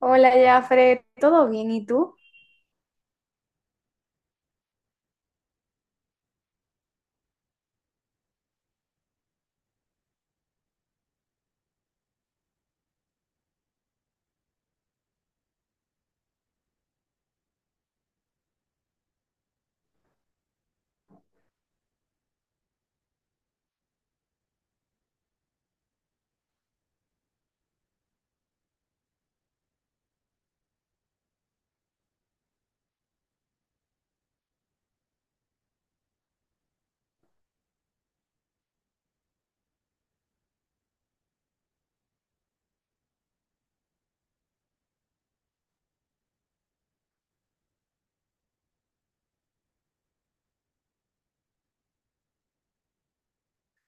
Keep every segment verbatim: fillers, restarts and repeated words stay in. Hola, Jafre, ¿todo bien? ¿Y tú?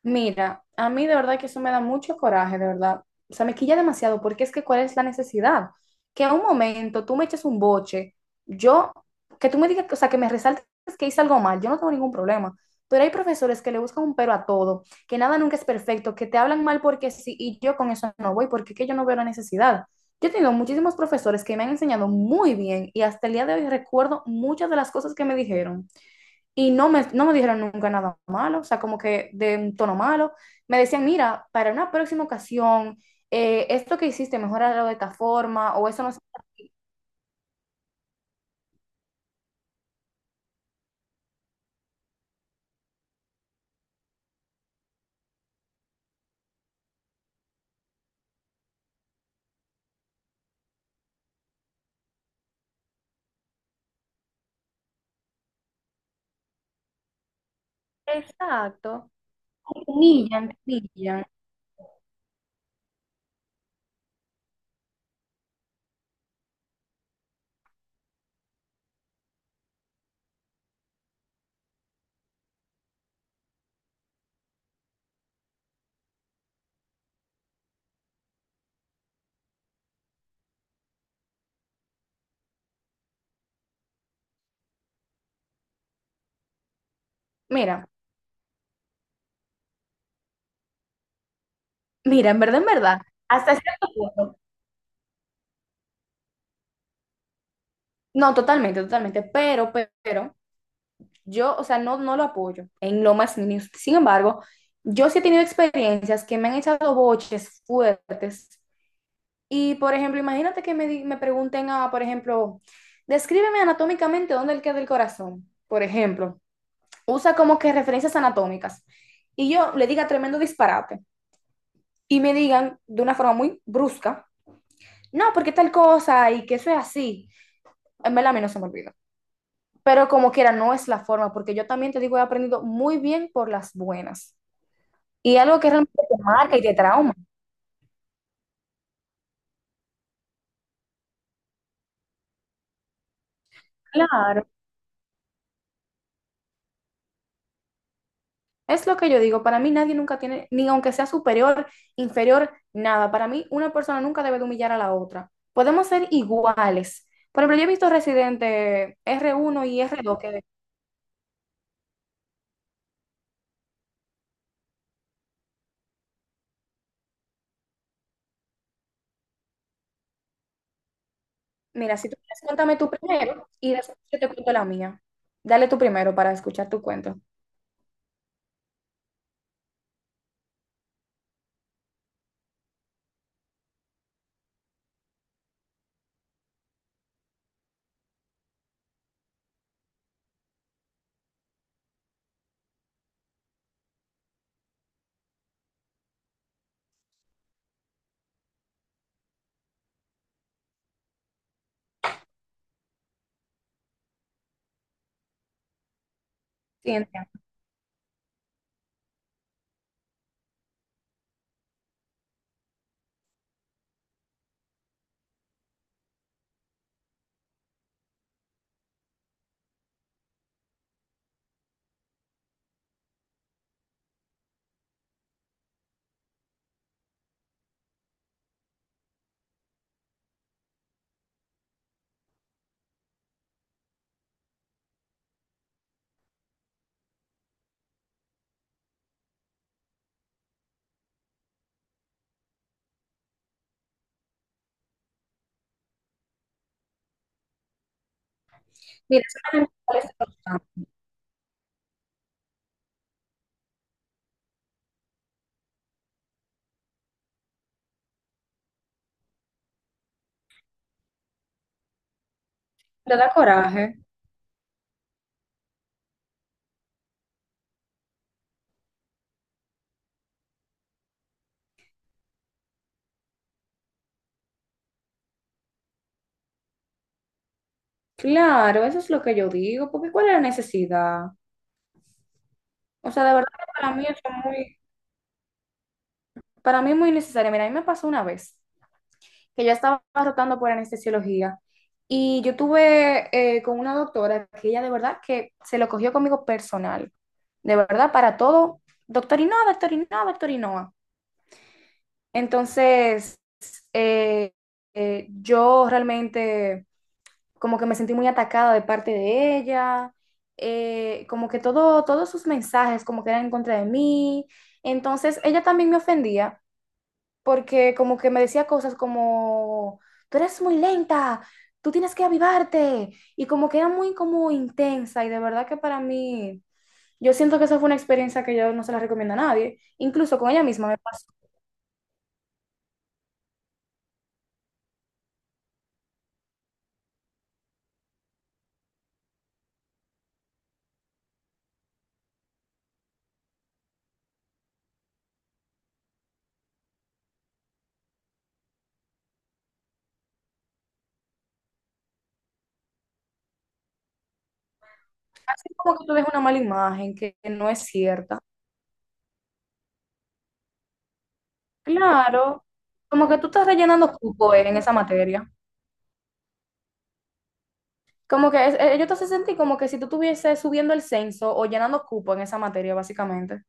Mira, a mí de verdad que eso me da mucho coraje, de verdad. O sea, me quilla demasiado porque es que ¿cuál es la necesidad? Que a un momento tú me eches un boche, yo, que tú me digas, o sea, que me resaltes que hice algo mal, yo no tengo ningún problema. Pero hay profesores que le buscan un pero a todo, que nada nunca es perfecto, que te hablan mal porque sí, y yo con eso no voy, porque es que yo no veo la necesidad. Yo he tenido muchísimos profesores que me han enseñado muy bien y hasta el día de hoy recuerdo muchas de las cosas que me dijeron. Y no me, no me dijeron nunca nada malo, o sea, como que de un tono malo. Me decían, mira, para una próxima ocasión, eh, esto que hiciste, mejorarlo de esta forma, o eso no sé. Exacto. Te humillan, humillan. Mira, mira, en verdad, en verdad, hasta cierto punto. No, totalmente, totalmente, pero, pero, yo, o sea, no, no lo apoyo en lo más mínimo. Sin embargo, yo sí he tenido experiencias que me han echado boches fuertes. Y, por ejemplo, imagínate que me, di- me pregunten a, por ejemplo, descríbeme anatómicamente dónde queda el corazón, por ejemplo. Usa como que referencias anatómicas. Y yo le diga tremendo disparate. Y me digan de una forma muy brusca, no, porque tal cosa y que eso es así. En verdad, a mí no se me olvida. Pero como quiera, no es la forma, porque yo también te digo, he aprendido muy bien por las buenas. Y algo que realmente te marca y te trauma. Claro. Es lo que yo digo, para mí nadie nunca tiene, ni aunque sea superior, inferior, nada. Para mí una persona nunca debe de humillar a la otra. Podemos ser iguales. Por ejemplo, yo he visto residente r uno y r dos que, mira, si tú quieres, cuéntame tu primero y después yo te cuento la mía. Dale tu primero para escuchar tu cuento. Ciencia. Mira, eso es me molesta. Bastante. ¿Te da coraje? Claro, eso es lo que yo digo, porque ¿cuál es la necesidad? O sea, de verdad que para mí eso es muy, para mí es muy necesario. Mira, a mí me pasó una vez que ya estaba rotando por anestesiología. Y yo tuve eh, Con una doctora que ella de verdad que se lo cogió conmigo personal. De verdad, para todo, doctor Inoa, doctor Inoa, doctor Inoa. Entonces, eh, eh, yo realmente como que me sentí muy atacada de parte de ella, eh, como que todo, todos sus mensajes como que eran en contra de mí. Entonces, ella también me ofendía porque como que me decía cosas como, tú eres muy lenta, tú tienes que avivarte, y como que era muy como intensa, y de verdad que para mí, yo siento que esa fue una experiencia que yo no se la recomiendo a nadie, incluso con ella misma me pasó, así como que tú ves una mala imagen que no es cierta. Claro, como que tú estás rellenando cupo eh, en esa materia. Como que es- eh, yo te hace sentir como que si tú estuvieses subiendo el censo o llenando cupo en esa materia, básicamente.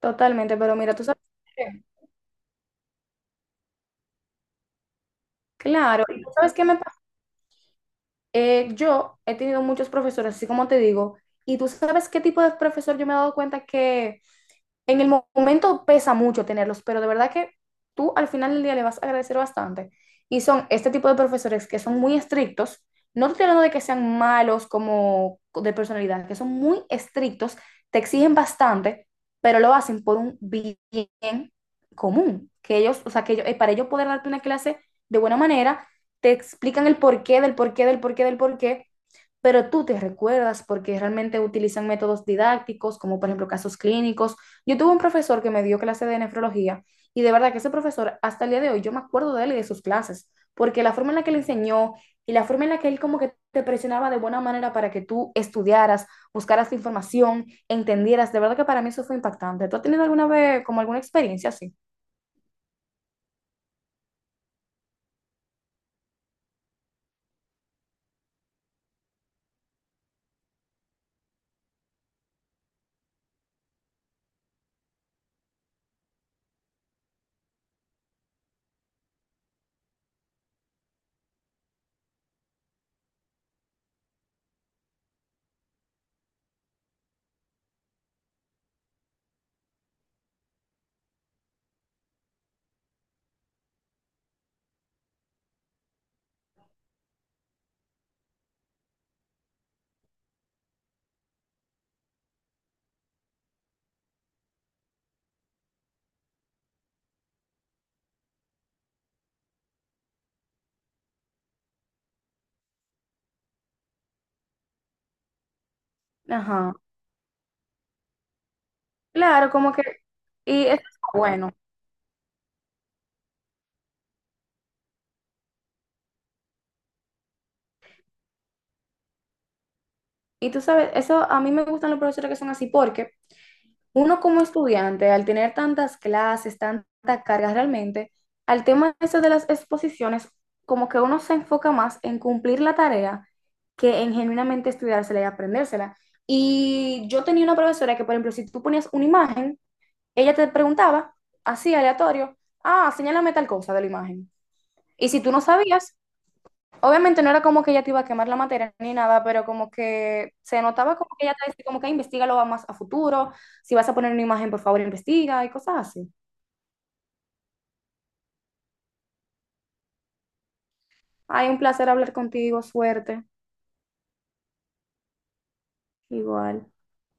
Totalmente, pero mira, ¿tú sabes qué? Claro, ¿y tú sabes qué me pasa? Eh, yo he tenido muchos profesores, así como te digo, y tú sabes qué tipo de profesor yo me he dado cuenta que en el momento pesa mucho tenerlos, pero de verdad que tú al final del día le vas a agradecer bastante. Y son este tipo de profesores que son muy estrictos. No te estoy hablando de que sean malos como de personalidad, que son muy estrictos, te exigen bastante, pero lo hacen por un bien común. Que ellos, o sea, que ellos- eh, para ellos poder darte una clase de buena manera, te explican el porqué del porqué del porqué del porqué, pero tú te recuerdas porque realmente utilizan métodos didácticos, como por ejemplo casos clínicos. Yo tuve un profesor que me dio clase de nefrología y de verdad que ese profesor, hasta el día de hoy, yo me acuerdo de él y de sus clases, porque la forma en la que él enseñó y la forma en la que él como que te presionaba de buena manera para que tú estudiaras, buscaras información, entendieras, de verdad que para mí eso fue impactante. ¿Tú has tenido alguna vez como alguna experiencia así? Ajá. Claro, como que, y eso es bueno. Y tú sabes, eso, a mí me gustan los profesores que son así, porque uno como estudiante, al tener tantas clases, tanta carga realmente, al tema ese de las exposiciones, como que uno se enfoca más en cumplir la tarea que en genuinamente estudiársela y aprendérsela. Y yo tenía una profesora que, por ejemplo, si tú ponías una imagen, ella te preguntaba, así aleatorio, ah, señálame tal cosa de la imagen. Y si tú no sabías, obviamente no era como que ella te iba a quemar la materia ni nada, pero como que se notaba como que ella te decía como que investigalo más a futuro, si vas a poner una imagen, por favor, investiga y cosas así. Ay, un placer hablar contigo, suerte, igual.